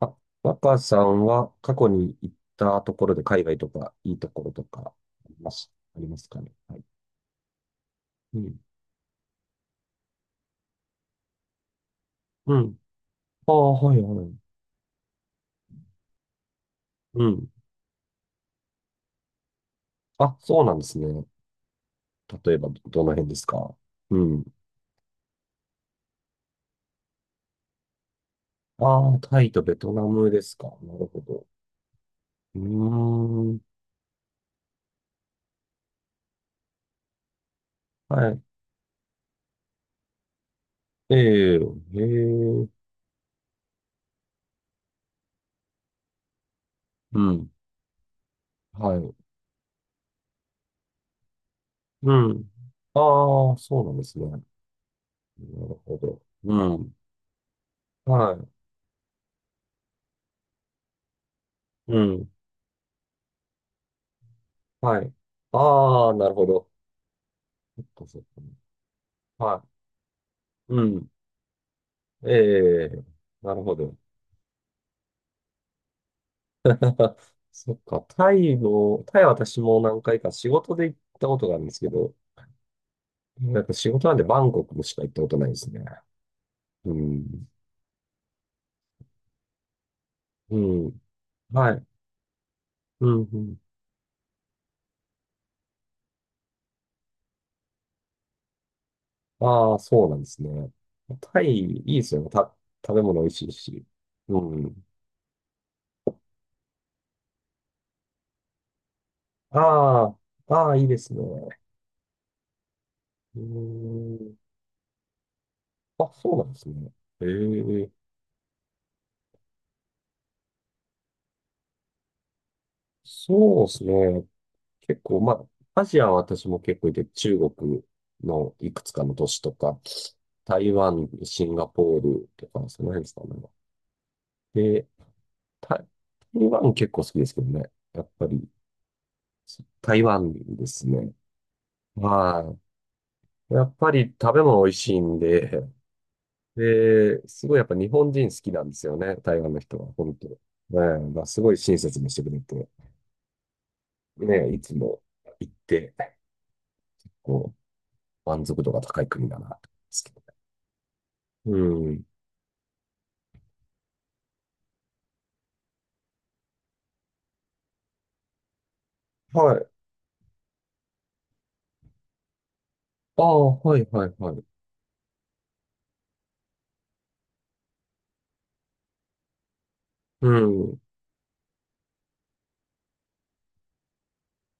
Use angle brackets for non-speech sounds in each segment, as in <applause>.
あ、若さんは過去に行ったところで海外とかいいところとかありますかね。はい。うん。うん。ああ、はいはい。うん。あ、そうなんですね。例えばどの辺ですか？うん。ああ、タイとベトナムですか。なるほど。うーん。はい。ええ、へえ。うん。はい。うん。ああ、そうなんですね。なるほど。うん。はい。うん。はい。ああ、なるほど。そっかそっか。はい。うん。ええ、なるほど。<laughs> そっか。タイも、タイは私も何回か仕事で行ったことがあるんですけど、なんか仕事なんでバンコクしか行ったことないですね。うん。うん。はい。うん、うん。ああ、そうなんですね。タイ、いいですよね。た、食べ物美味しいし。うん。ああ、ああ、いいですね。うーん。あ、そうなんですね。ええ、そうですね。結構、まあ、アジアは私も結構いて、中国のいくつかの都市とか、台湾、シンガポールとか、その辺ですかね。で、台台湾結構好きですけどね。やっぱり、台湾ですね。はい。やっぱり食べ物美味しいんで、で、すごいやっぱ日本人好きなんですよね。台湾の人は、本当。ね、まあ、すごい親切にしてくれて、ね、いつも行って、こう、満足度が高い国だな、と思うんですけど。うん。はい。ああ、はいはいはい。うん、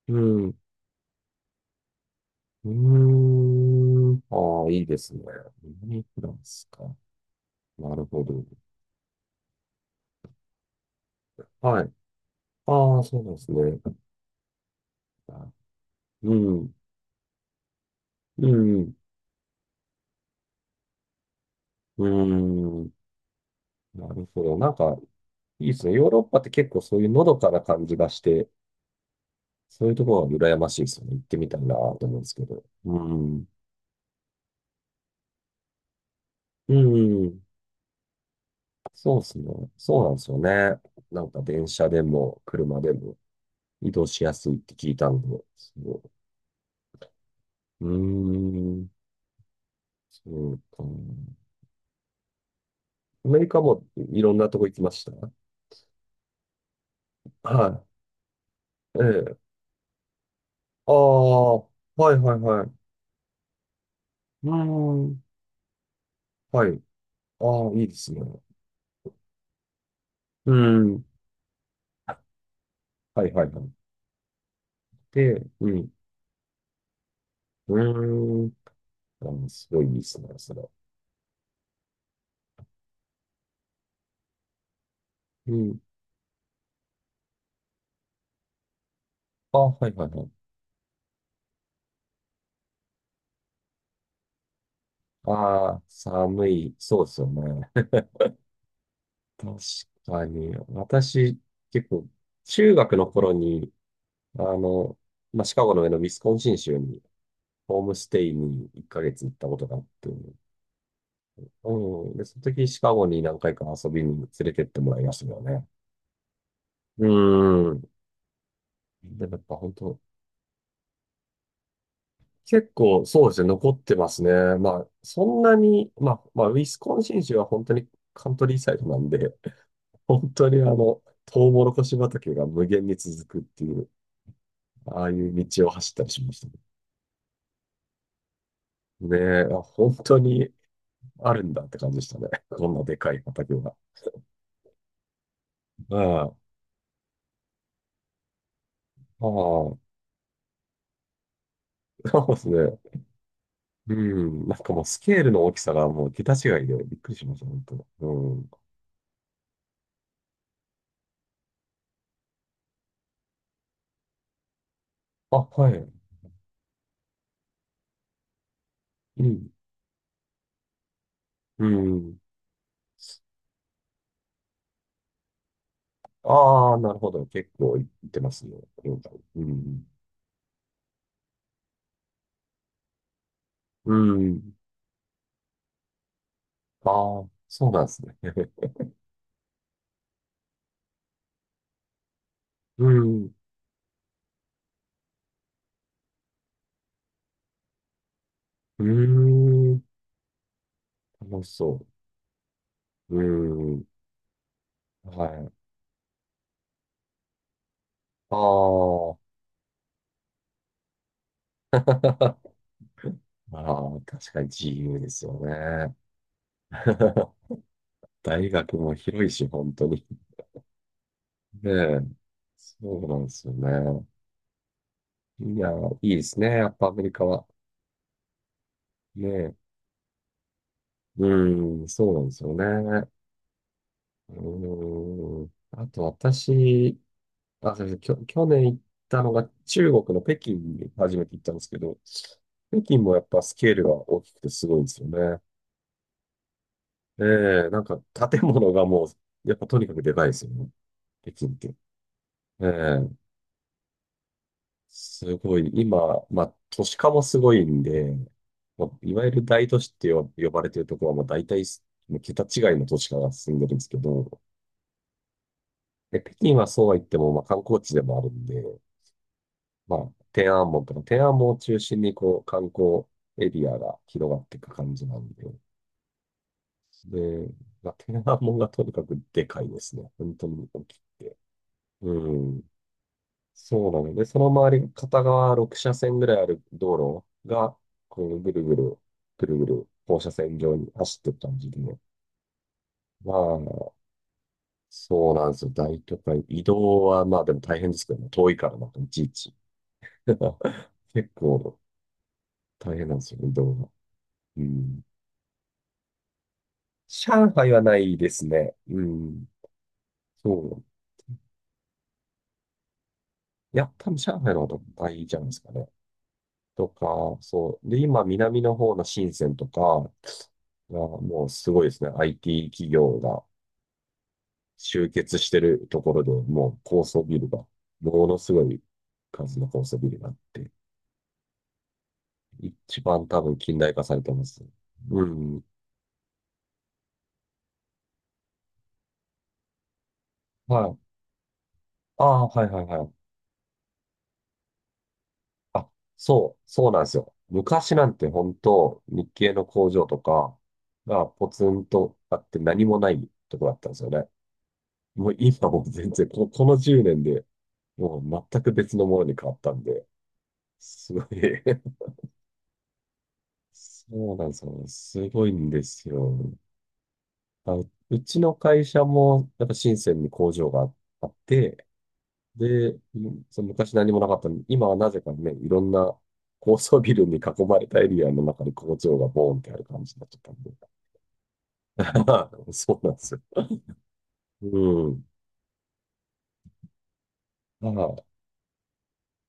うん、うーん。ああ、いいですね。南フランスか。なるほど。はい。ああ、そうなんですね。あうん、うん、うん。なるほど。なんか、いいですね。ヨーロッパって結構そういうのどかな感じがして、そういうところは羨ましいですよね。行ってみたいなと思うんですけど。うん、うん。そうですね。そうなんですよね。なんか電車でも車でも。移動しやすいって聞いたんで、そう。うーん、そうか。アメリカもいろんなとこ行きました？はい。ええ。ああ、はいはいはい。うーん。はい。ああ、いいですね。うん。はいはいはい。で、うん。うーん。あのすごいいいですね、それ。うん。あ、はいはいはい。ああ、寒い。そうですよね。<laughs> 確かに。私、結構、中学の頃に、あの、まあ、シカゴの上のウィスコンシン州に、ホームステイに1ヶ月行ったことがあって、うん。で、その時シカゴに何回か遊びに連れてってもらいましたけどね。うん。でもやっぱ本当、結構そうですね、残ってますね。まあ、そんなに、まあ、まあ、ウィスコンシン州は本当にカントリーサイドなんで、本当にあの、トウモロコシ畑が無限に続くっていう、ああいう道を走ったりしましたね。ねえ、本当にあるんだって感じでしたね。<laughs> こんなでかい畑が。うんああ、そうですね。うん。なんかもうスケールの大きさがもう桁違いでびっくりしました、本当。うん。あ、はい。うん。うん。ああ、なるほど。結構いってますね。うん。うん。ああ、そうなんですね。<laughs> うん。うーん。楽しそう。うーん。はい。ああ。<laughs> ああ、確かに自由ですよね。<laughs> 大学も広いし、本当に。ねえ、そうなんですよね。いや、いいですね。やっぱアメリカは。ねえ。うん、そうなんですよね。うん。あと私、あ、そうです去年行ったのが中国の北京に初めて行ったんですけど、北京もやっぱスケールが大きくてすごいんですよね。ええ、なんか建物がもう、やっぱとにかくでかいですよね。北京って。ええすごい、今、まあ、都市化もすごいんで、まあ、いわゆる大都市って呼ばれてるところは、まあ、大体、もう桁違いの都市化が進んでるんですけど、で、北京はそうは言っても、まあ、観光地でもあるんで、まあ、天安門とか、天安門を中心に、こう、観光エリアが広がっていく感じなんで、で、まあ、天安門がとにかくでかいですね。本当に大きくて。うん。そうなので、その周り、片側6車線ぐらいある道路が、こう、ぐるぐる、ぐるぐる、放射線状に走ってった感じでね、まあ、そうなんですよ。大都会。移動は、まあでも大変ですけどね。遠いからなんかいちいち。<laughs> 結構大変なんですよ、移動が。うん。上海はないですね。うん。そう。いや、多分上海の方が大会じゃないですかね。とか、そう。で、今、南の方の深センとか、あもうすごいですね。IT 企業が集結してるところで、もう高層ビルが、ものすごい数の高層ビルがあって、一番多分近代化されてます。うん。はい。ああ、はいはいはい。あ、そうなんですよ。昔なんて本当、日系の工場とかがポツンとあって何もないとこだったんですよね。もう今も全然、この10年で、もう全く別のものに変わったんで、すごい <laughs> そうなんですよ。すごいんですよ。あ、うちの会社も、やっぱ深センに工場があって、で、うんその昔何もなかったのに、今はなぜかね、いろんな高層ビルに囲まれたエリアの中に工場がボーンってある感じになっちゃったんで。<laughs> そうなんですよ。うん。ああ、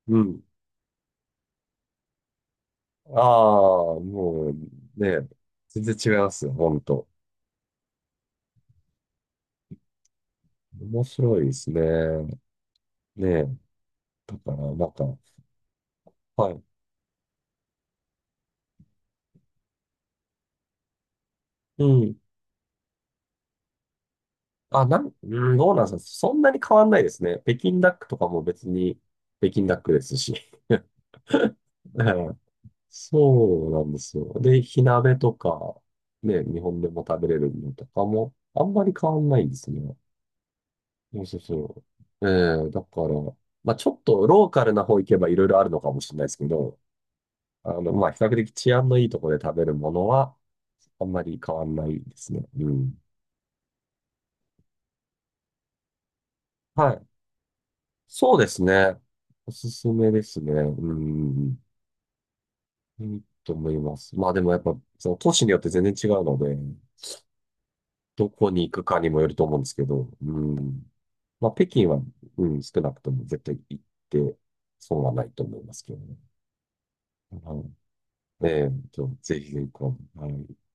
うん。ああ、もうね、全然違いますよ、ほんと。面白いですね。ねだから、なんか、はい。うん。あ、うん、どうなんですか？そんなに変わんないですね。北京ダックとかも別に北京ダックですし。<laughs> はいそうなんですよ。で、火鍋とか、ね、日本でも食べれるのとかも、あんまり変わんないんですね。そうそうそう。ええだから、まあちょっとローカルな方行けばいろいろあるのかもしれないですけど、あの、まあ、比較的治安のいいところで食べるものは、あんまり変わんないですね。うん。はい。そうですね。おすすめですね。うん。いいと思います。まあでもやっぱ、その都市によって全然違うので、どこに行くかにもよると思うんですけど、うん。まあ、北京は、うん、少なくとも絶対行って、損はないと思いますけどね。はい。ええと、ちょぜひぜひ、こうはい